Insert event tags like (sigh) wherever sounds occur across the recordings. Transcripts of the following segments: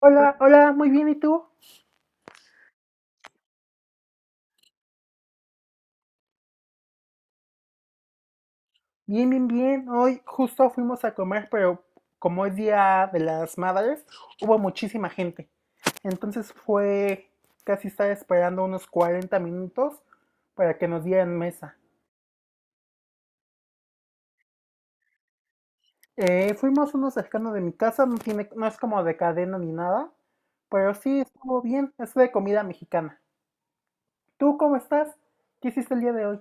Hola, hola, muy bien, ¿y tú? Bien, bien, bien. Hoy justo fuimos a comer, pero como es Día de las Madres, hubo muchísima gente. Entonces fue casi estar esperando unos 40 minutos para que nos dieran mesa. Fuimos uno cercano de mi casa, no tiene, no es como de cadena ni nada, pero sí estuvo bien, es de comida mexicana. ¿Tú cómo estás? ¿Qué hiciste el día de hoy?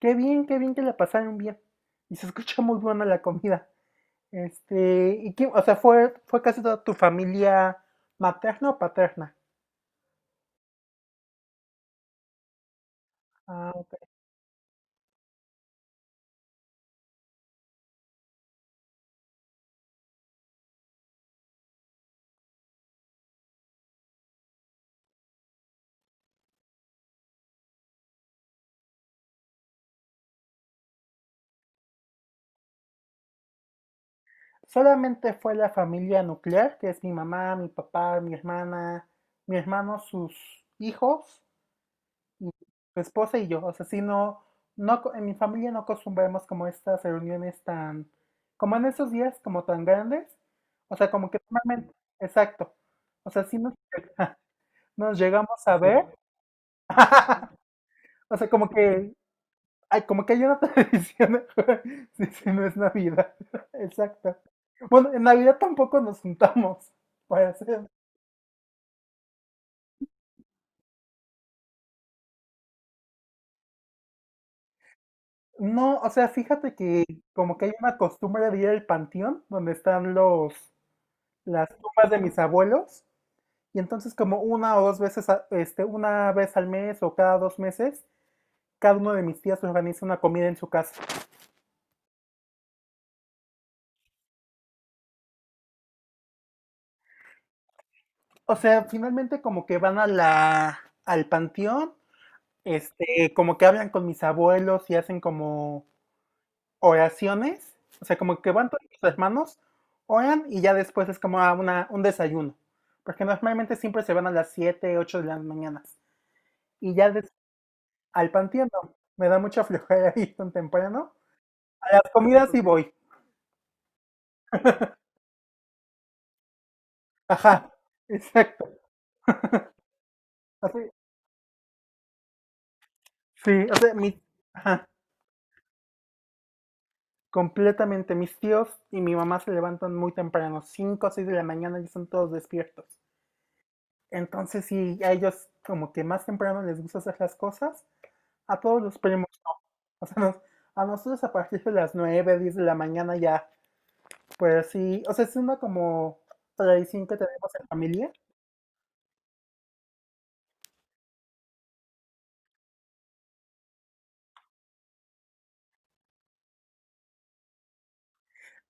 Qué bien que la pasaron bien. Y se escucha muy buena la comida. ¿Y quién, o sea, fue casi toda tu familia materna o paterna? Ah, ok. Solamente fue la familia nuclear, que es mi mamá, mi papá, mi hermana, mi hermano, sus hijos, y su esposa y yo. O sea, si no, no, en mi familia no acostumbramos como estas reuniones tan, como en esos días, como tan grandes. O sea, como que normalmente, exacto. O sea, sí nos, (laughs) nos llegamos a ver. (laughs) O sea, como que ay, como que hay una tradición. (laughs) Sí, sí, no es Navidad. (laughs) Exacto. Bueno, en Navidad tampoco nos juntamos para hacer. No, o sea, fíjate que como que hay una costumbre de ir al panteón donde están los las tumbas de mis abuelos, y entonces como una o dos veces, una vez al mes o cada 2 meses, cada uno de mis tías organiza una comida en su casa. O sea, finalmente como que van a la al panteón, como que hablan con mis abuelos y hacen como oraciones, o sea, como que van todos los hermanos, oran y ya después es como un desayuno, porque normalmente siempre se van a las 7, 8 de las mañanas y ya al panteón, no, me da mucha flojera (laughs) ir tan temprano, a las comidas sí voy, ajá, exacto, así, sí, o sea, mi, ajá, completamente, mis tíos y mi mamá se levantan muy temprano, 5, o 6 de la mañana y están todos despiertos. Entonces, sí, a ellos como que más temprano les gusta hacer las cosas. A todos los primos, o sea, a nosotros a partir de las 9 10 de la mañana ya, pues sí, o sea, es una como tradición que tenemos en familia.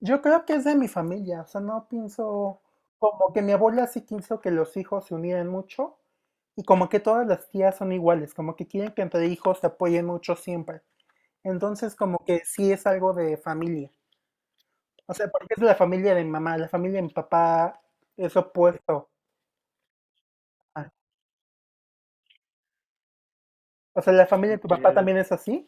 Yo creo que es de mi familia, o sea, no pienso, como que mi abuela sí quiso que los hijos se unieran mucho y como que todas las tías son iguales, como que quieren que entre hijos se apoyen mucho siempre. Entonces, como que sí es algo de familia. O sea, porque es la familia de mi mamá, la familia de mi papá es opuesto. Ah, o sea, la familia de tu papá también es así.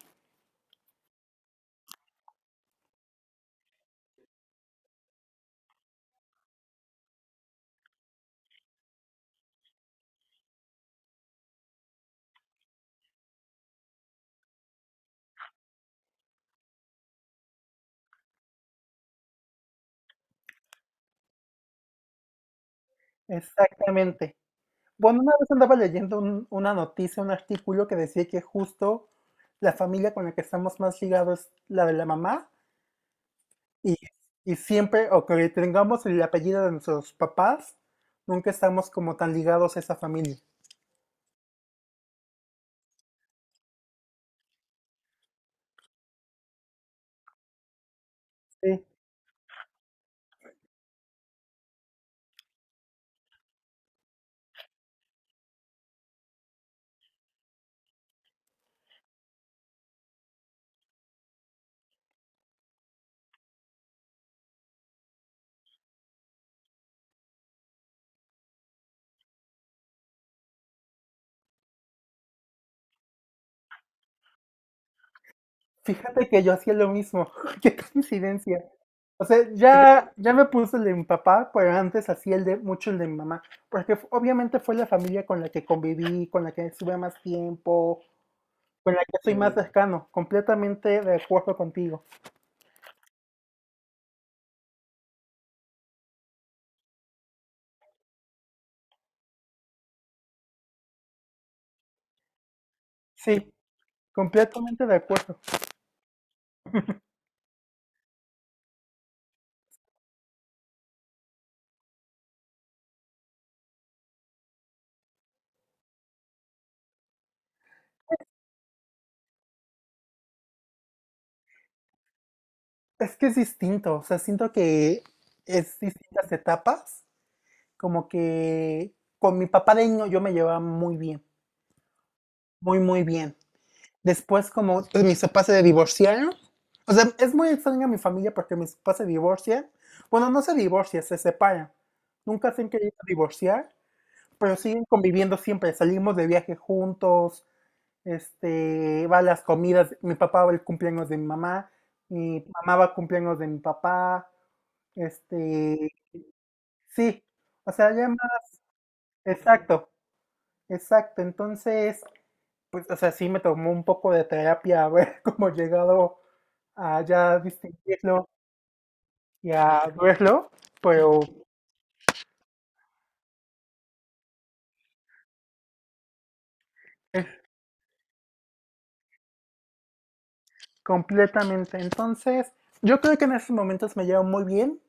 Exactamente. Bueno, una vez andaba leyendo una noticia, un artículo que decía que justo la familia con la que estamos más ligados es la de la mamá y, y siempre, o que tengamos el apellido de nuestros papás, nunca estamos como tan ligados a esa familia. Sí. Fíjate que yo hacía lo mismo, (laughs) qué coincidencia. O sea, ya me puse el de mi papá, pero antes hacía el de mucho el de mi mamá, porque obviamente fue la familia con la que conviví, con la que estuve más tiempo, con la que soy más cercano, completamente de acuerdo contigo. Sí, completamente de acuerdo. Es que es distinto, o sea, siento que es distintas etapas, como que con mi papá de niño yo me llevaba muy bien, muy, muy bien. Después como pues, mis papás se divorciaron, o sea, es muy extraña mi familia porque mis papás se divorcian, bueno, no se divorcian, se separan, nunca se han querido divorciar, pero siguen conviviendo siempre, salimos de viaje juntos, va a las comidas, mi papá va al cumpleaños de mi mamá va al cumpleaños de mi papá, este, sí, o sea, ya exacto, exacto, entonces, pues, o sea, sí me tomó un poco de terapia haber (laughs) como llegado a ya distinguirlo y a verlo, pero eh, completamente, entonces, yo creo que en esos momentos me llevo muy bien,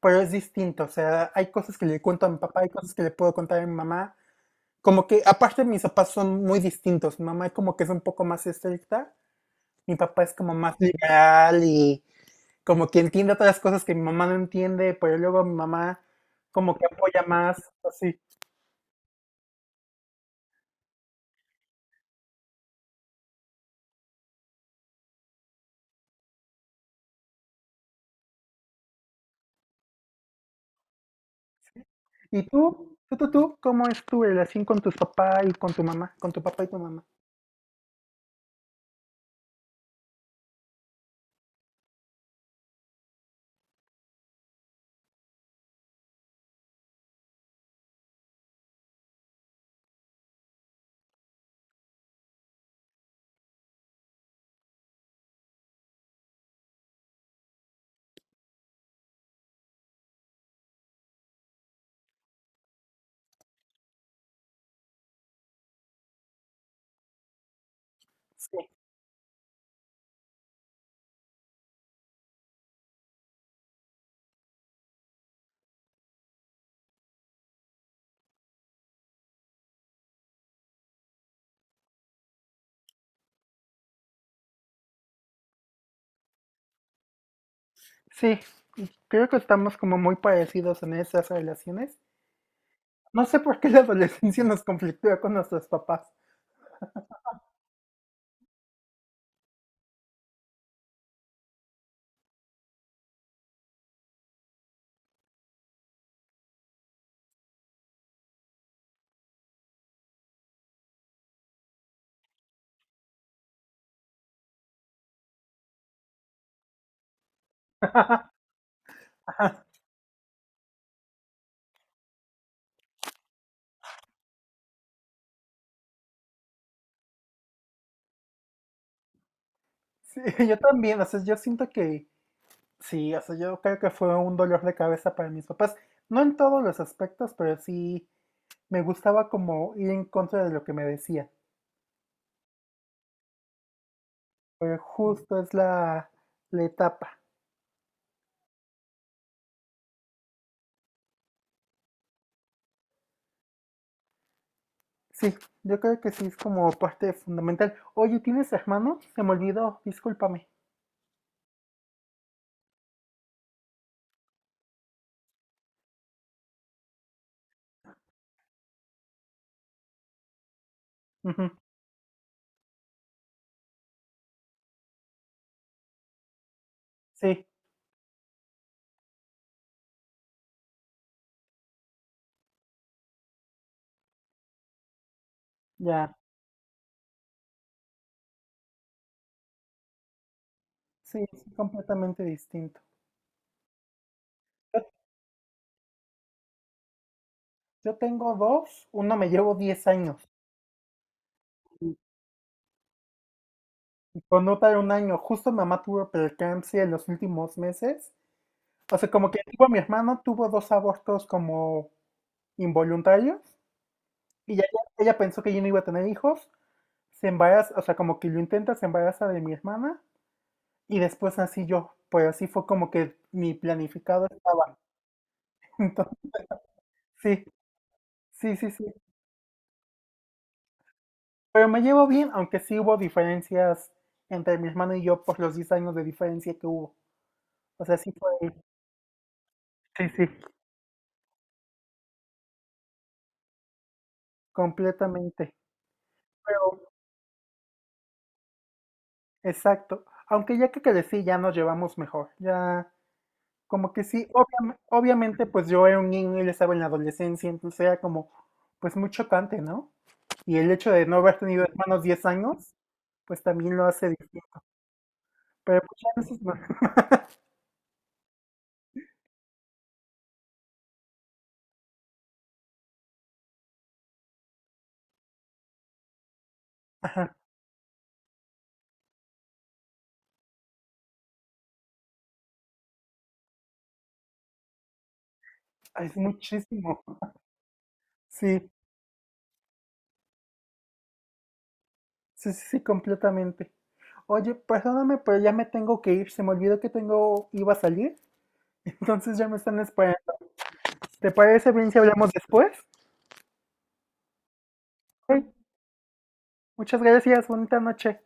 pero es distinto, o sea, hay cosas que le cuento a mi papá, hay cosas que le puedo contar a mi mamá. Como que, aparte, mis papás son muy distintos. Mi mamá es como que es un poco más estricta. Mi papá es como más liberal y como que entiende otras cosas que mi mamá no entiende, pero luego mi mamá como que apoya más, así. ¿Y tú? ¿Tú? ¿Cómo es tu relación con tus papás y con tu mamá? Con tu papá y tu mamá. Sí. Sí, creo que estamos como muy parecidos en esas relaciones. No sé por qué la adolescencia nos conflictúa con nuestros papás. Sí, (laughs) yo también, o sea, yo siento que sí, o sea, yo creo que fue un dolor de cabeza para mis papás. No en todos los aspectos, pero sí me gustaba como ir en contra de lo que me decía. Pero justo es la etapa. Sí, yo creo que sí es como parte fundamental. Oye, ¿tienes hermano? Se me olvidó, discúlpame. Ujú, sí, ya. Sí, es completamente distinto. Yo, yo tengo dos, uno me llevo 10 años. y y con otra un año. Justo mamá tuvo preeclampsia en los últimos meses. O sea, como que tipo, mi hermano tuvo dos abortos como involuntarios y ella pensó que yo no iba a tener hijos, se embaraza, o sea, como que lo intenta, se embaraza de mi hermana y después nací yo. Pues así fue como que mi planificado estaba. (laughs) Entonces, sí, sí, sí, sí. Pero me llevo bien, aunque sí hubo diferencias entre mi hermano y yo por los 10 años de diferencia que hubo. O sea, sí fue. Sí, sí. Completamente. Pero, exacto. Aunque ya que crecí, ya nos llevamos mejor. Ya como que sí, obviamente, pues yo era un niño, él estaba en la adolescencia, entonces era como, pues muy chocante, ¿no? Y el hecho de no haber tenido hermanos 10 años, pues también lo hace distinto. Pero pues ya no es, no- (laughs) es muchísimo. Sí, sí, sí, sí, completamente. Oye, perdóname, pero ya me tengo que ir, se me olvidó que tengo, iba a salir, (laughs) entonces ya me están esperando. ¿Te parece bien si hablamos después? Muchas gracias, bonita noche.